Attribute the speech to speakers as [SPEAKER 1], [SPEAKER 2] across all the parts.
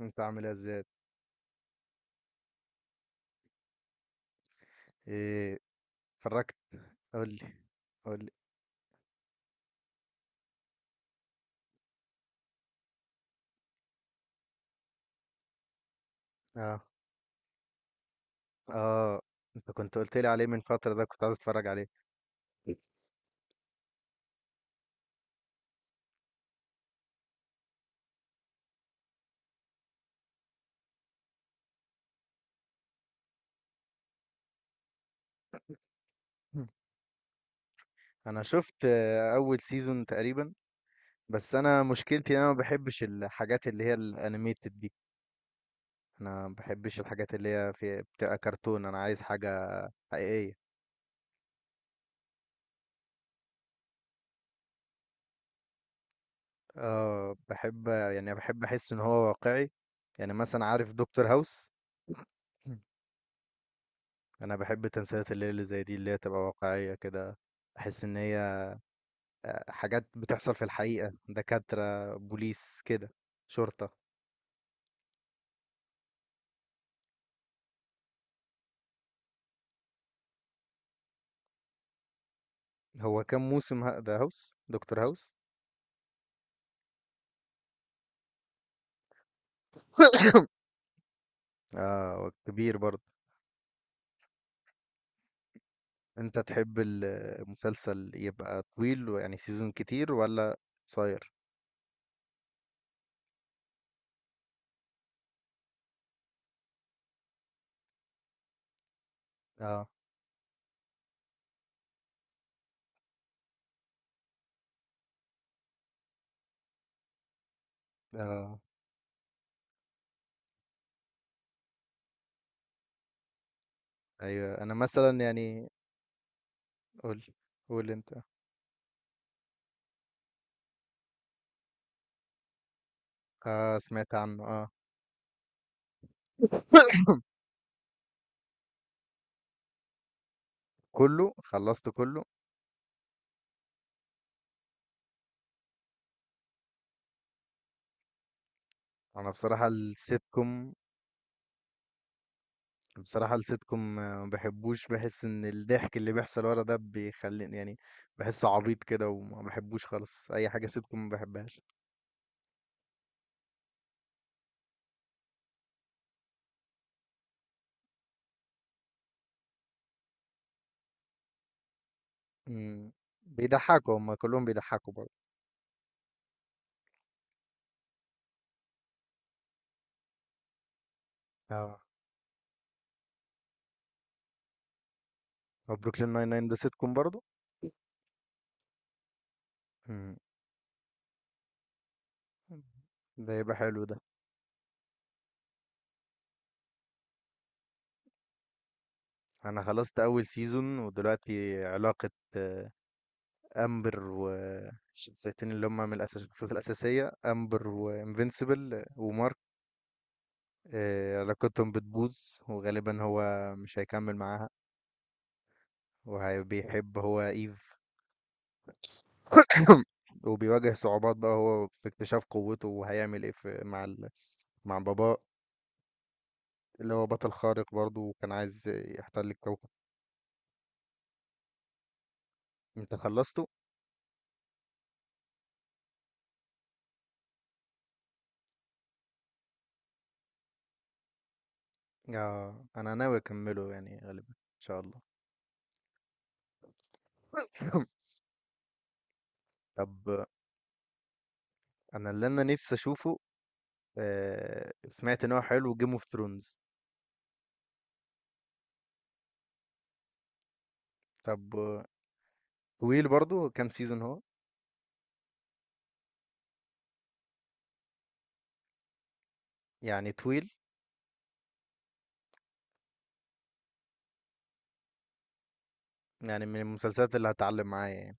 [SPEAKER 1] انت عامل ايه زياد؟ ايه؟ اتفرجت؟ قول لي، قول لي. اه. اه، انت كنت قلت لي عليه من فترة، ده كنت عايز اتفرج عليه. مم. انا شفت اول سيزون تقريبا. بس انا مشكلتي إن انا ما بحبش الحاجات اللي هي الانيميتد دي. انا ما بحبش الحاجات اللي هي في بتبقى كرتون، انا عايز حاجة حقيقية. اه، بحب يعني بحب احس ان هو واقعي. يعني مثلا عارف دكتور هاوس؟ مم. انا بحب تمثيلات الليل اللي زي دي، اللي هي تبقى واقعية كده. احس ان هي حاجات بتحصل في الحقيقة، دكاترة، بوليس كده، شرطة. هو كام موسم ده، هاوس، دكتور هاوس؟ اه، هو كبير برضه. انت تحب المسلسل يبقى طويل يعني سيزون كتير، ولا قصير؟ اه. اه. ايوه، انا مثلا يعني. قول، قول انت. اه سمعت عنه، اه. كله، خلصت كله. انا بصراحة السيت كوم بصراحة السيت كوم ما بحبوش، بحس ان الضحك اللي بيحصل ورا ده بيخليني يعني بحس عبيط كده، وما بحبوش خالص، اي حاجة سيت كوم ما بحبهاش. مم. بيضحكوا هما كلهم بيضحكوا برضه. اه، وبروكلين ناين ناين ده سيت كوم برضه؟ مم. ده يبقى حلو ده. انا خلصت اول سيزون، ودلوقتي علاقة آه، امبر والشخصيتين اللي هما من الشخصيات الاساسية، امبر وانفينسيبل ومارك، علاقتهم بتبوظ. وغالبا هو مش هيكمل معاها، وبيحب هو ايف. وبيواجه صعوبات بقى هو في اكتشاف قوته، وهيعمل ايه في مع ال... مع بابا اللي هو بطل خارق برضه وكان عايز يحتل الكوكب. انت خلصته؟ آه انا ناوي اكمله يعني غالبا ان شاء الله. طب، انا اللي انا نفسي اشوفه، آه سمعت ان هو حلو، جيم اوف ثرونز. طب طويل برضه، كام سيزون هو؟ يعني طويل؟ يعني من المسلسلات اللي هتعلم معايا يعني؟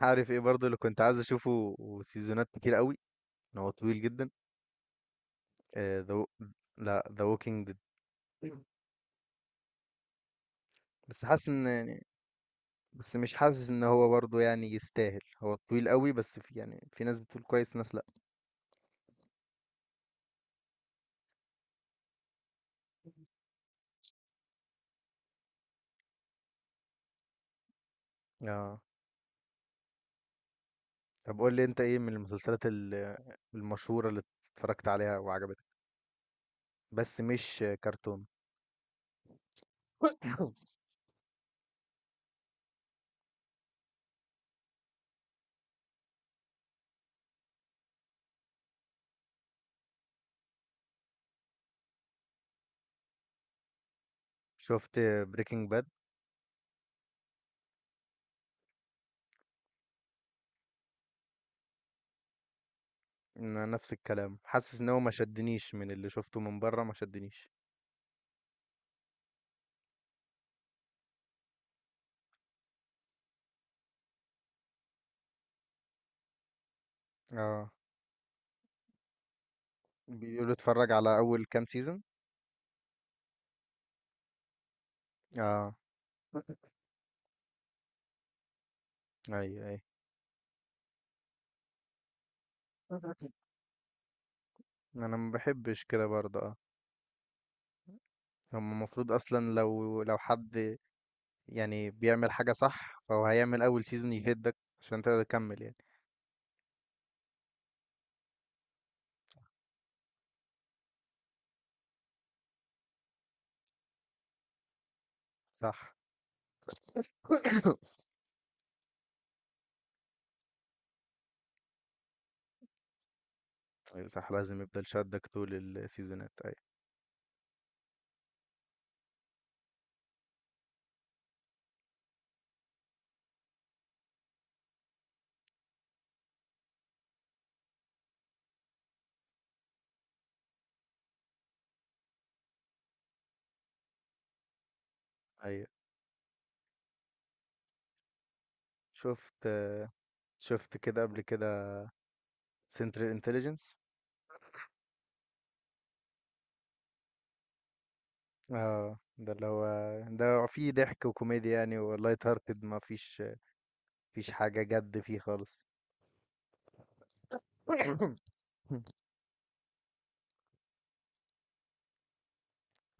[SPEAKER 1] عارف ايه برضه اللي كنت عايز اشوفه وسيزونات كتير قوي، ان هو طويل جدا؟ آه، The Wa- لا ذا ووكينج ديد. بس حاسس ان يعني، بس مش حاسس ان هو برضه يعني يستاهل، هو طويل قوي، بس في يعني في ناس بتقول كويس وناس لا. اه. طب قول لي انت ايه من المشهورة اللي اتفرجت عليها وعجبتك، بس مش كرتون. شفت بريكنج باد؟ نفس الكلام، حاسس ان هو ما شدنيش، من اللي شفته من بره ما شدنيش. اه، بيقولوا اتفرج على اول كام سيزون. اه. اي، اي. انا ما بحبش كده برضه، اه. هم المفروض اصلا لو حد يعني بيعمل حاجة صح، فهو هيعمل اول سيزون يهدك عشان تقدر تكمل يعني. صح. ايوه صح، لازم يفضل شادك طول السيزونات. ايوه. ايوه. شفت، شفت كده قبل كده سنترال انتليجنس؟ اه، ده اللي هو، ده فيه ضحك وكوميديا يعني، ولايت هارتد، ما فيش حاجة جد فيه خالص.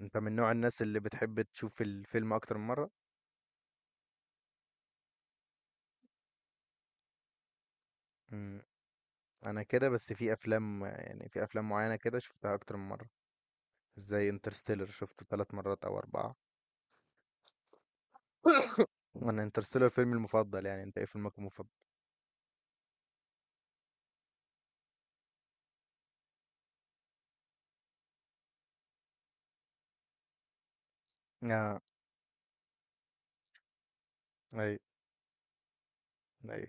[SPEAKER 1] انت من نوع الناس اللي بتحب تشوف الفيلم اكتر من مرة؟ انا كده، بس في افلام يعني في افلام معينه كده شفتها اكتر من مره، زي انترستيلر شفته 3 مرات او 4. انا انترستيلر فيلمي المفضل، يعني انت ايه فيلمك المفضل؟ آه. اي. اي.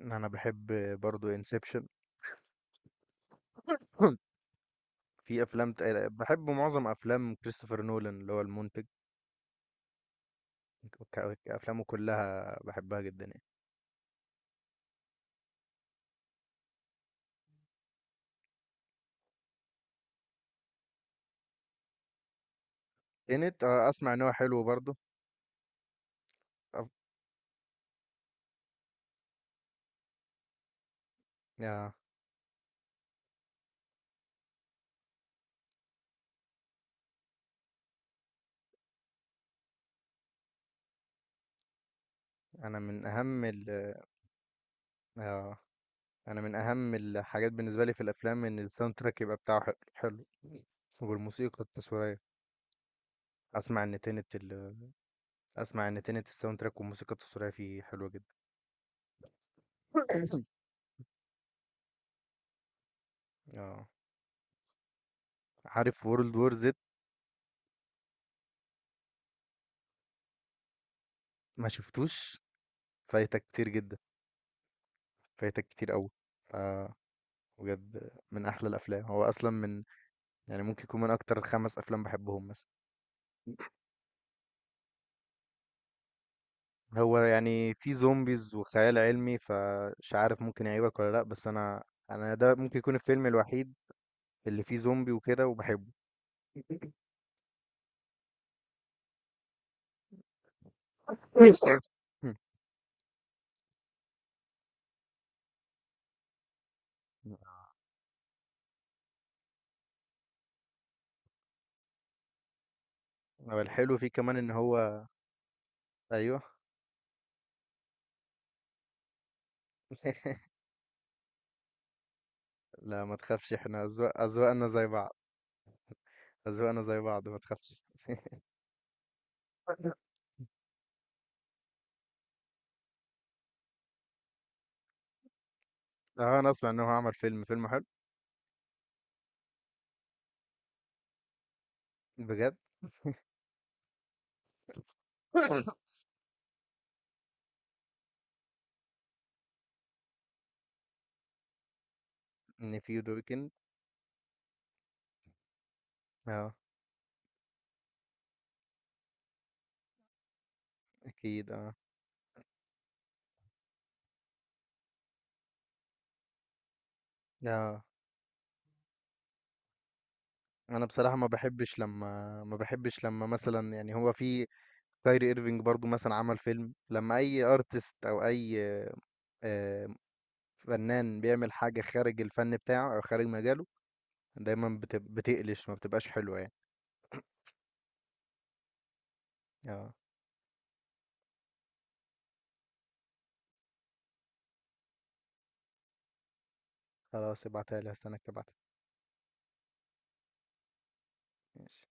[SPEAKER 1] انا بحب برضو انسبشن. في افلام بحب معظم افلام كريستوفر نولان اللي هو المنتج، افلامه كلها بحبها جدا. يعني انت اسمع ان هو حلو برضو؟ أف- آه. انا من اهم ال، آه. انا من اهم الحاجات بالنسبه لي في الافلام ان الساوند تراك يبقى بتاعه حلو حلو، والموسيقى التصويريه. اسمع ان تنت ال... اسمع ان تنت الساوند تراك والموسيقى التصويريه فيه حلوه جدا. اه، عارف وورلد وور زد؟ ما شفتوش؟ فايتك كتير جدا، فايتك كتير قوي، آه بجد من احلى الافلام، هو اصلا من، يعني ممكن يكون من اكتر 5 افلام بحبهم مثلا. هو يعني في زومبيز وخيال علمي، فمش عارف ممكن يعيبك ولا لا، بس انا ده ممكن يكون الفيلم الوحيد اللي فيه زومبي وكده وبحبه. هو الحلو فيه كمان ان هو. ايوه. لا ما تخافش، احنا أذواق، اذواقنا زي بعض، اذواقنا زي بعض ما تخافش. اه، انا اسمع ان هو عمل فيلم، فيلم حلو. بجد؟ ان فيه ذا ويكند. اه، اكيد، اه. اه، انا بصراحة ما بحبش لما، مثلا يعني هو في كايري ايرفينج برضو مثلا عمل فيلم، لما اي ارتست او اي آه، فنان بيعمل حاجة خارج الفن بتاعه او خارج مجاله، دايما بتقلش، ما بتبقاش حلوة يعني. اه. خلاص ابعتها لي، هستناك تبعتها. ماشي.